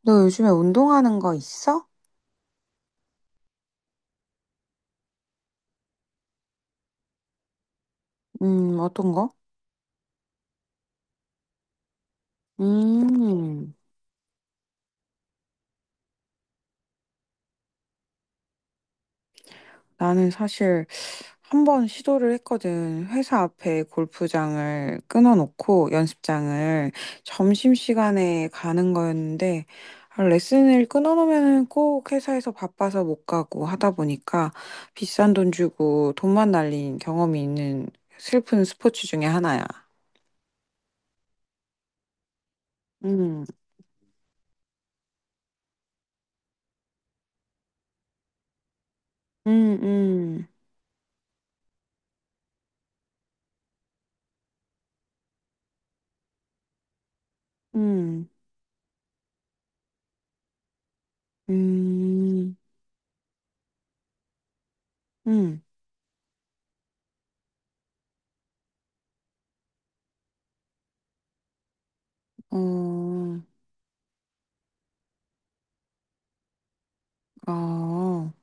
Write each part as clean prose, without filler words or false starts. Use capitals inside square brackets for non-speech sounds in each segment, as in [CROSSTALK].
너 요즘에 운동하는 거 있어? 어떤 거? 음, 나는 사실 한 번 시도를 했거든. 회사 앞에 골프장을 끊어놓고 연습장을 점심시간에 가는 거였는데, 아, 레슨을 끊어놓으면 꼭 회사에서 바빠서 못 가고 하다 보니까 비싼 돈 주고 돈만 날린 경험이 있는 슬픈 스포츠 중에 하나야. 음, 음, 음, 음, 음, 음. 어, 아,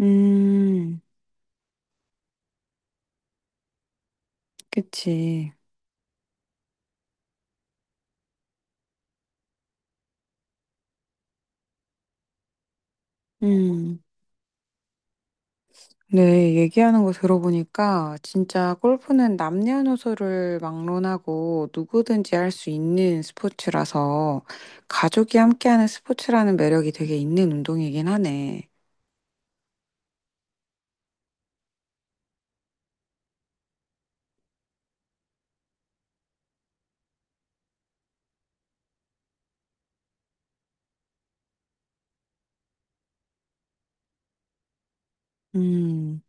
음, 그치. 음, 네, 얘기하는 거 들어보니까 진짜 골프는 남녀노소를 막론하고 누구든지 할 수 있는 스포츠라서 가족이 함께하는 스포츠라는 매력이 되게 있는 운동이긴 하네. 음.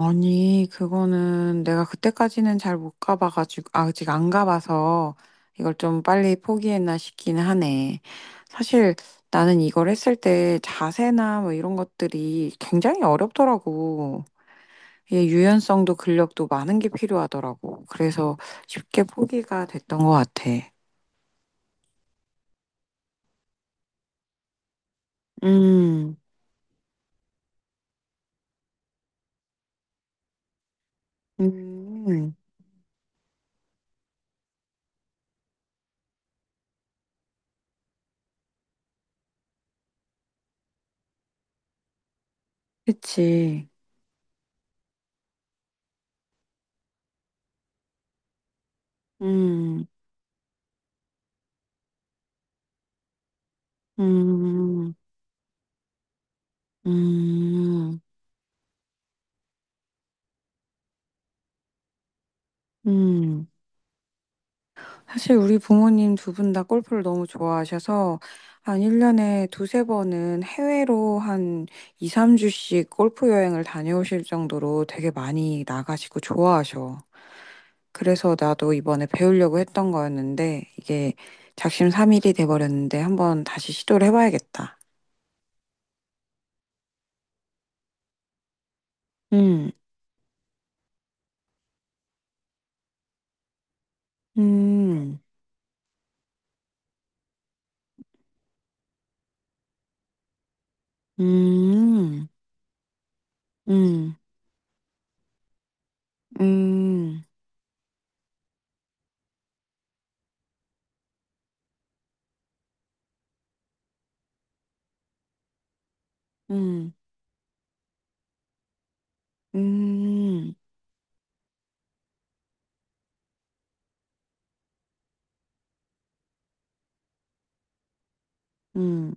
아니, 그거는 내가 그때까지는 잘 못 가봐가지고, 아직 안 가봐서 이걸 좀 빨리 포기했나 싶긴 하네. 사실 나는 이걸 했을 때 자세나 뭐 이런 것들이 굉장히 어렵더라고. 이게 유연성도 근력도 많은 게 필요하더라고. 그래서 쉽게 포기가 됐던 것 같아. 음, 음, 그치. 음, 음, 음, 음. 사실 우리 부모님 두 분 다 골프를 너무 좋아하셔서 한 1년에 두세 번은 해외로 한 2, 3주씩 골프 여행을 다녀오실 정도로 되게 많이 나가시고 좋아하셔. 그래서 나도 이번에 배우려고 했던 거였는데 이게 작심삼일이 돼버렸는데 한번 다시 시도를 해봐야겠다. 음, 음, 음, 음, 음, 음, 음, 음,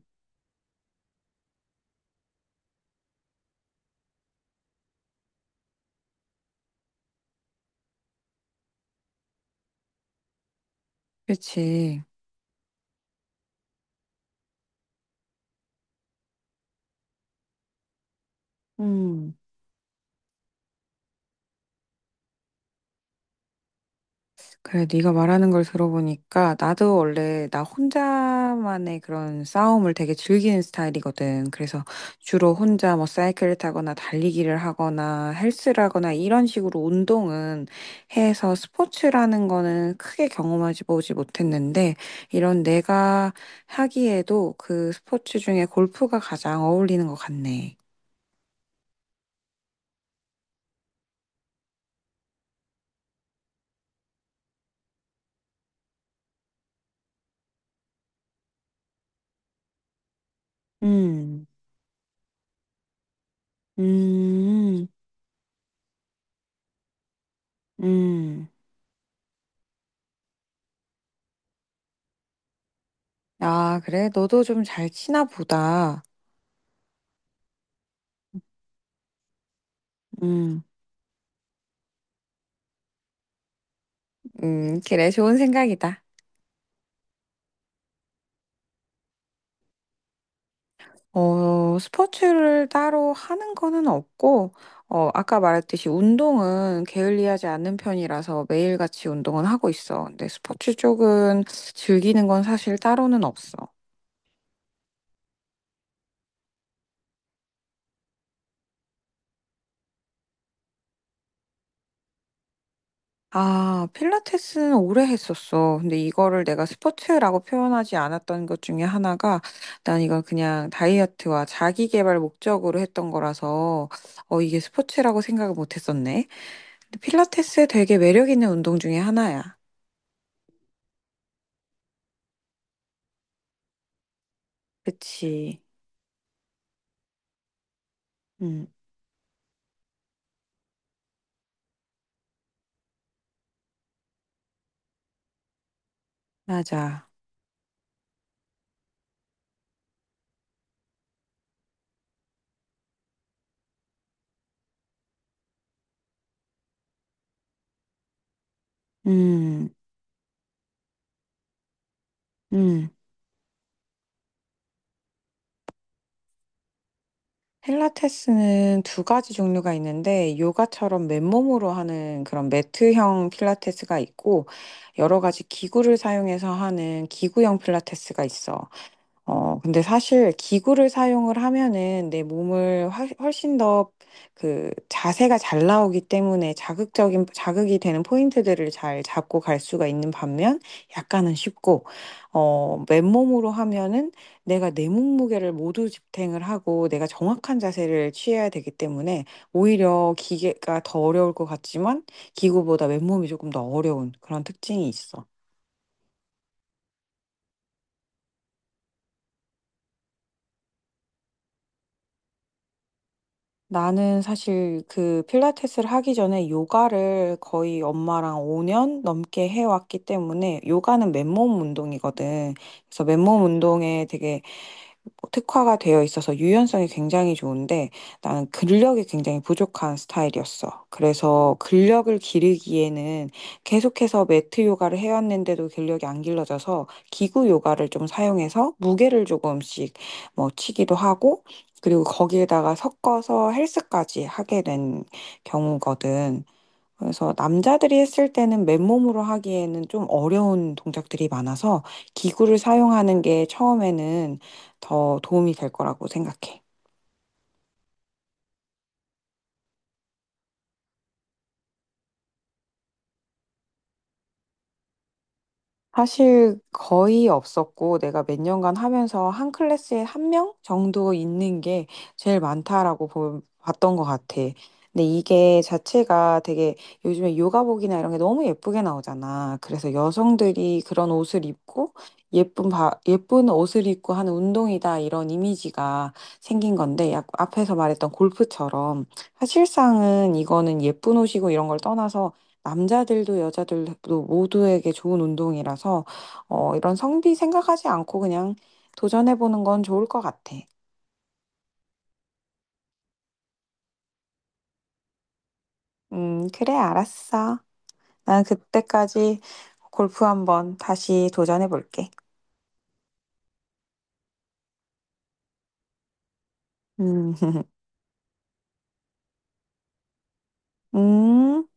그치. 음. 그래, 네가 말하는 걸 들어보니까 나도 원래 나 혼자만의 그런 싸움을 되게 즐기는 스타일이거든. 그래서 주로 혼자 뭐 사이클을 타거나 달리기를 하거나 헬스를 하거나 이런 식으로 운동은 해서 스포츠라는 거는 크게 경험하지 보지 못했는데 이런 내가 하기에도 그 스포츠 중에 골프가 가장 어울리는 것 같네. 음, 음, 음. 아, 그래? 너도 좀 잘 치나 보다. 음. 그래, 좋은 생각이다. 어, 스포츠를 따로 하는 거는 없고, 어, 아까 말했듯이 운동은 게을리하지 않는 편이라서 매일같이 운동은 하고 있어. 근데 스포츠 쪽은 즐기는 건 사실 따로는 없어. 아, 필라테스는 오래 했었어. 근데 이거를 내가 스포츠라고 표현하지 않았던 것 중에 하나가 난 이건 그냥 다이어트와 자기 개발 목적으로 했던 거라서 어, 이게 스포츠라고 생각을 못 했었네. 근데 필라테스 되게 매력 있는 운동 중에 하나야. 그치. 음, 맞아. 음, 음. 필라테스는 두 가지 종류가 있는데, 요가처럼 맨몸으로 하는 그런 매트형 필라테스가 있고, 여러 가지 기구를 사용해서 하는 기구형 필라테스가 있어. 어, 근데 사실 기구를 사용을 하면은 내 몸을 훨씬 더 그 자세가 잘 나오기 때문에 자극이 되는 포인트들을 잘 잡고 갈 수가 있는 반면 약간은 쉽고, 어, 맨몸으로 하면은 내가 내 몸무게를 모두 집탱을 하고 내가 정확한 자세를 취해야 되기 때문에 오히려 기계가 더 어려울 것 같지만 기구보다 맨몸이 조금 더 어려운 그런 특징이 있어. 나는 사실 그 필라테스를 하기 전에 요가를 거의 엄마랑 5년 넘게 해왔기 때문에 요가는 맨몸 운동이거든. 그래서 맨몸 운동에 되게 특화가 되어 있어서 유연성이 굉장히 좋은데 나는 근력이 굉장히 부족한 스타일이었어. 그래서 근력을 기르기에는 계속해서 매트 요가를 해왔는데도 근력이 안 길러져서 기구 요가를 좀 사용해서 무게를 조금씩 뭐 치기도 하고 그리고 거기에다가 섞어서 헬스까지 하게 된 경우거든. 그래서 남자들이 했을 때는 맨몸으로 하기에는 좀 어려운 동작들이 많아서 기구를 사용하는 게 처음에는 더 도움이 될 거라고 생각해. 사실 거의 없었고 내가 몇 년간 하면서 한 클래스에 한 명 정도 있는 게 제일 많다라고 봤던 것 같아. 근데 이게 자체가 되게 요즘에 요가복이나 이런 게 너무 예쁘게 나오잖아. 그래서 여성들이 그런 옷을 입고 예쁜 옷을 입고 하는 운동이다 이런 이미지가 생긴 건데 약 앞에서 말했던 골프처럼 사실상은 이거는 예쁜 옷이고 이런 걸 떠나서 남자들도 여자들도 모두에게 좋은 운동이라서 어, 이런 성비 생각하지 않고 그냥 도전해보는 건 좋을 것 같아. 그래, 알았어. 난 그때까지 골프 한번 다시 도전해볼게. 음, [LAUGHS] 음.